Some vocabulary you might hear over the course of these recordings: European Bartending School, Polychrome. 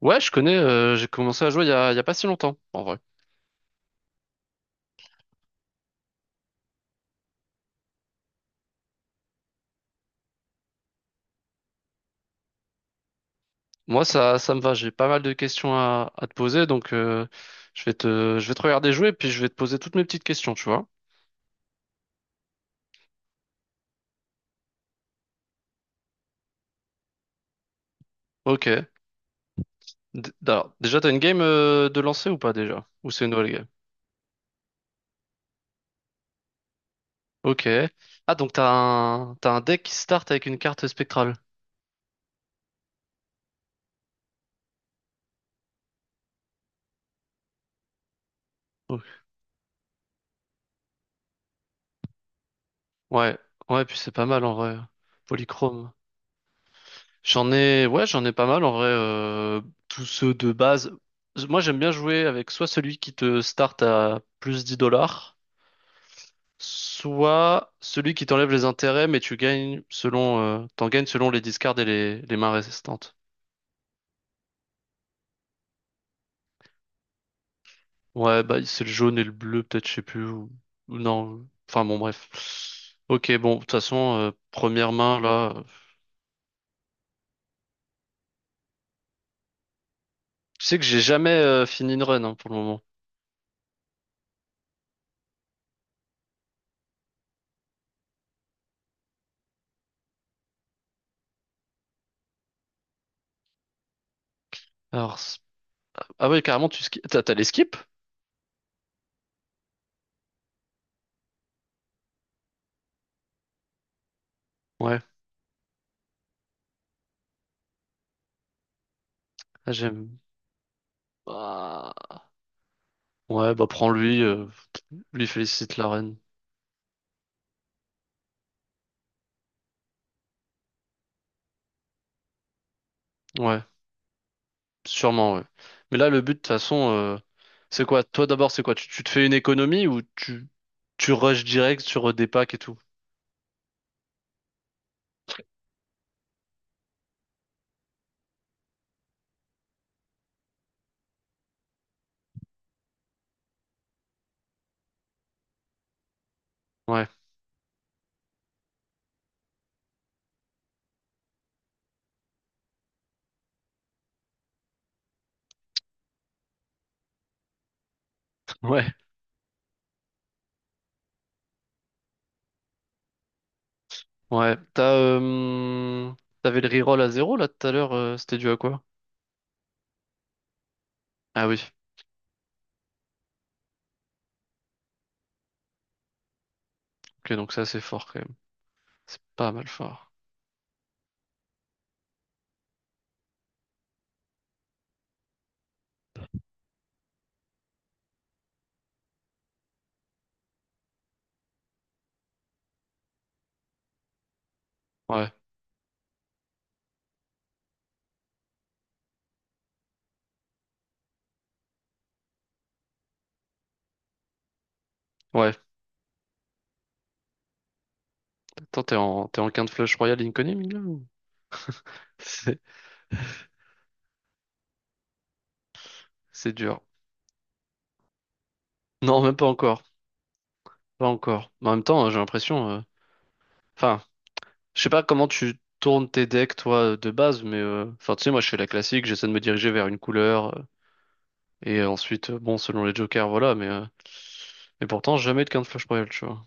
Ouais, je connais, j'ai commencé à jouer il y a pas si longtemps, en vrai. Moi, ça me va, j'ai pas mal de questions à te poser, donc je vais te regarder jouer, puis je vais te poser toutes mes petites questions, tu vois. Ok. Alors, déjà, t'as une game de lancer ou pas déjà? Ou c'est une nouvelle game? Ok. Ah, donc t'as un deck qui start avec une carte spectrale. Ok. Ouais, ouais, puis c'est pas mal en vrai. Polychrome. J'en ai, ouais, j'en ai pas mal en vrai. Tous ceux de base. Moi, j'aime bien jouer avec soit celui qui te start à plus 10 dollars, soit celui qui t'enlève les intérêts, mais tu gagnes selon, t'en gagnes selon les discards et les mains résistantes. Ouais, bah c'est le jaune et le bleu, peut-être, je sais plus. Ou non. Enfin bon, bref. Ok, bon, de toute façon, première main là. Tu sais que j'ai jamais fini une run, hein, pour le moment. Alors, ah ouais, carrément, tu skip. T'as les skips? Ouais. Ah, j'aime. Bah, ouais, bah prends-lui, lui félicite la reine. Ouais, sûrement, ouais. Mais là, le but, de toute façon, c'est quoi? Toi d'abord, c'est quoi? Tu te fais une économie ou tu rushes direct sur des packs et tout? Ouais, ouais, ouais. T'as, t'avais le reroll à zéro là tout à l'heure, c'était dû à quoi? Ah oui, ok, donc c'est assez fort quand même. C'est pas mal fort. Ouais, ouais. Attends, t'es en quinte flush royale incoming là ou- C'est c'est dur. Non, même pas encore. Pas encore. Mais en même temps, j'ai l'impression. Enfin, je sais pas comment tu tournes tes decks, toi, de base, mais enfin, tu sais, moi, je fais la classique, j'essaie de me diriger vers une couleur, et ensuite, bon, selon les jokers, voilà, mais pourtant, jamais de flash royale tu vois.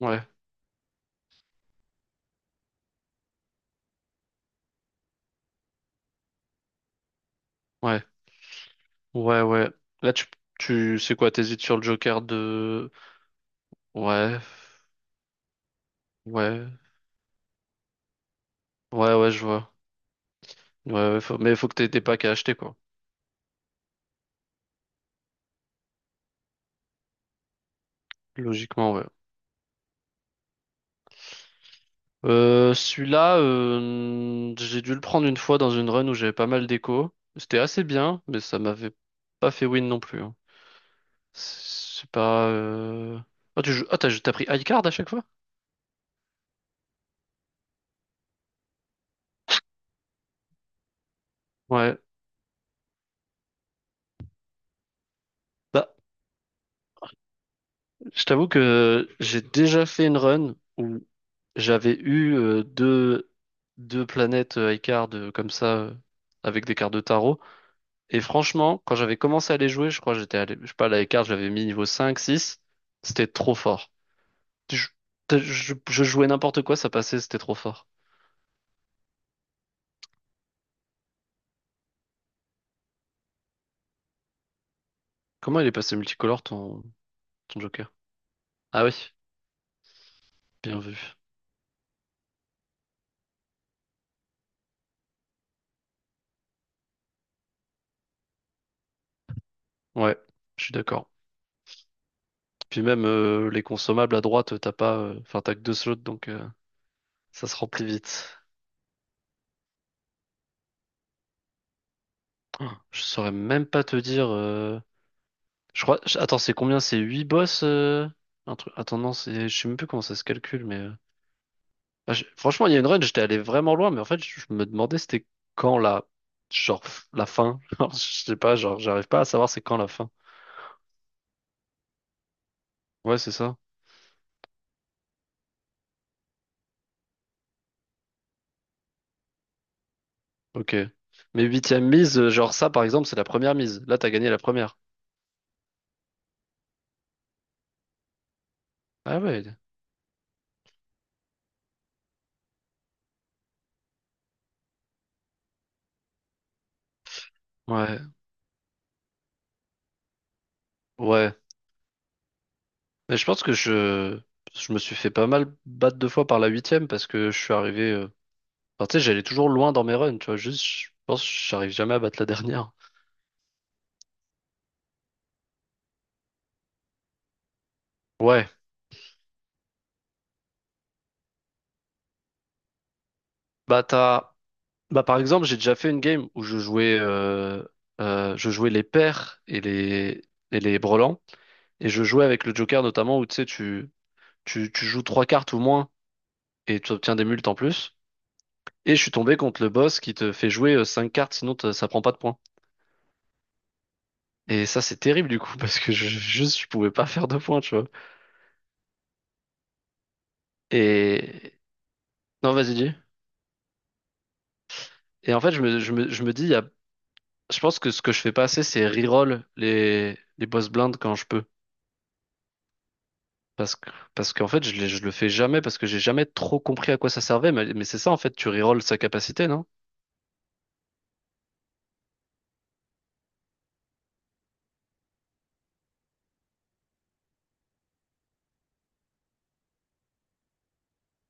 Ouais, ouais, ouais. Là, tu sais quoi, t'hésites sur le joker de... Ouais, ouais, ouais, je vois. Ouais, ouais, mais faut que t'aies des packs à acheter, quoi. Logiquement, ouais. Celui-là, j'ai dû le prendre une fois dans une run où j'avais pas mal d'écho. C'était assez bien, mais ça m'avait pas fait win non plus, hein. C'est pas. Ah, tu joues... ah, t'as pris high card à chaque fois? Ouais. Bah, je t'avoue que j'ai déjà fait une run où j'avais eu deux planètes high card comme ça, avec des cartes de tarot. Et franchement, quand j'avais commencé à les jouer, je crois que j'étais allé, je sais pas, la high card, j'avais mis niveau 5 six. C'était trop fort. Je, je jouais n'importe quoi, ça passait, c'était trop fort. Comment il est passé multicolore ton Joker? Ah oui, bien vu. Ouais, je suis d'accord. Puis même les consommables à droite, t'as pas, enfin t'as que deux slots, donc ça se remplit vite. Oh, je saurais même pas te dire. Je crois. Attends, c'est combien? C'est 8 boss? Un truc. Attends, non, je sais même plus comment ça se calcule, mais. Franchement, il y a une run, j'étais allé vraiment loin, mais en fait, je me demandais c'était quand la. La fin. Genre, je sais pas, genre, j'arrive pas à savoir c'est quand la fin. Ouais, c'est ça. Ok. Mais huitième mise, genre ça, par exemple, c'est la première mise. Là, t'as gagné la première. Ah ouais. Ouais. Ouais. Mais je pense que je me suis fait pas mal battre deux fois par la huitième parce que je suis arrivé. Enfin, tu sais, j'allais toujours loin dans mes runs, tu vois. Juste, je pense que j'arrive jamais à battre la dernière. Ouais. Bah, t'as... Bah, par exemple, j'ai déjà fait une game où je jouais les paires et et les brelans. Et je jouais avec le Joker, notamment, où tu sais, tu joues trois cartes ou moins. Et tu obtiens des multes en plus. Et je suis tombé contre le boss qui te fait jouer 5 cartes, sinon ça prend pas de points. Et ça, c'est terrible du coup, parce que juste, je pouvais pas faire de points, tu vois. Et... Non, vas-y, dis. Et en fait, je me dis, il y a... je pense que ce que je fais pas assez, c'est reroll les boss blindes quand je peux. Parce que, parce qu'en fait, je le fais jamais, parce que j'ai jamais trop compris à quoi ça servait. Mais c'est ça, en fait, tu reroll sa capacité, non?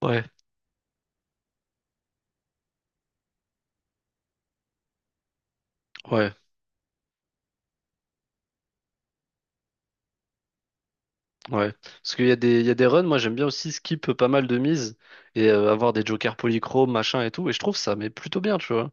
Ouais, ouais. Ouais, parce qu'il y a des, il y a des runs, moi j'aime bien aussi skip pas mal de mises et avoir des jokers polychromes, machin et tout, et je trouve ça mais plutôt bien, tu vois.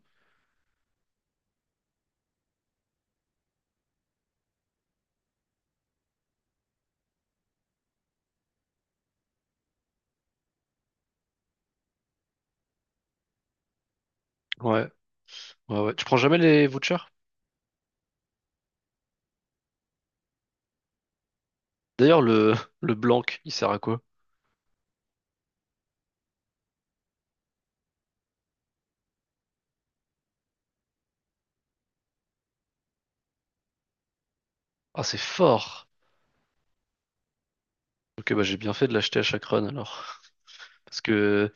Ouais, ouais. Tu prends jamais les vouchers? D'ailleurs, le, le blanc, il sert à quoi? Ah, c'est fort! Ok, bah j'ai bien fait de l'acheter à chaque run alors. Parce que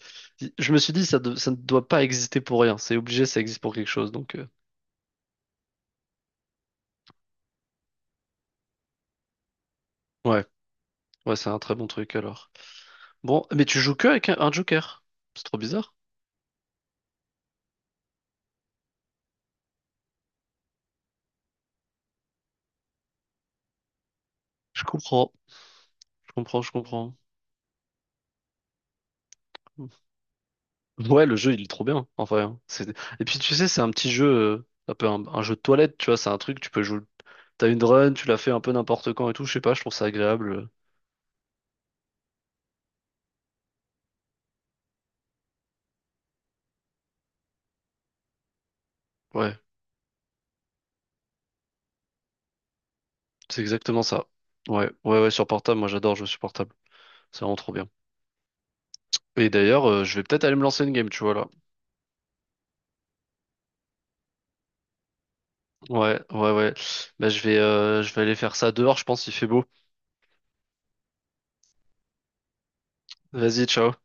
je me suis dit, ça ne doit pas exister pour rien, c'est obligé, ça existe pour quelque chose, donc ouais, ouais, c'est un très bon truc alors. Bon, mais tu joues que avec un joker? C'est trop bizarre. Je comprends, je comprends, je comprends. Ouais, le jeu, il est trop bien, en vrai, hein. C'est... Et puis, tu sais, c'est un petit jeu, un jeu de toilette, tu vois, c'est un truc, tu peux jouer. T'as une run, tu la fais un peu n'importe quand et tout, je sais pas, je trouve ça agréable. Ouais, c'est exactement ça. Ouais, sur portable, moi j'adore jouer sur portable. C'est vraiment trop bien. Et d'ailleurs, je vais peut-être aller me lancer une game, tu vois, là. Ouais. Bah, je vais aller faire ça dehors, je pense, il fait beau. Vas-y, ciao.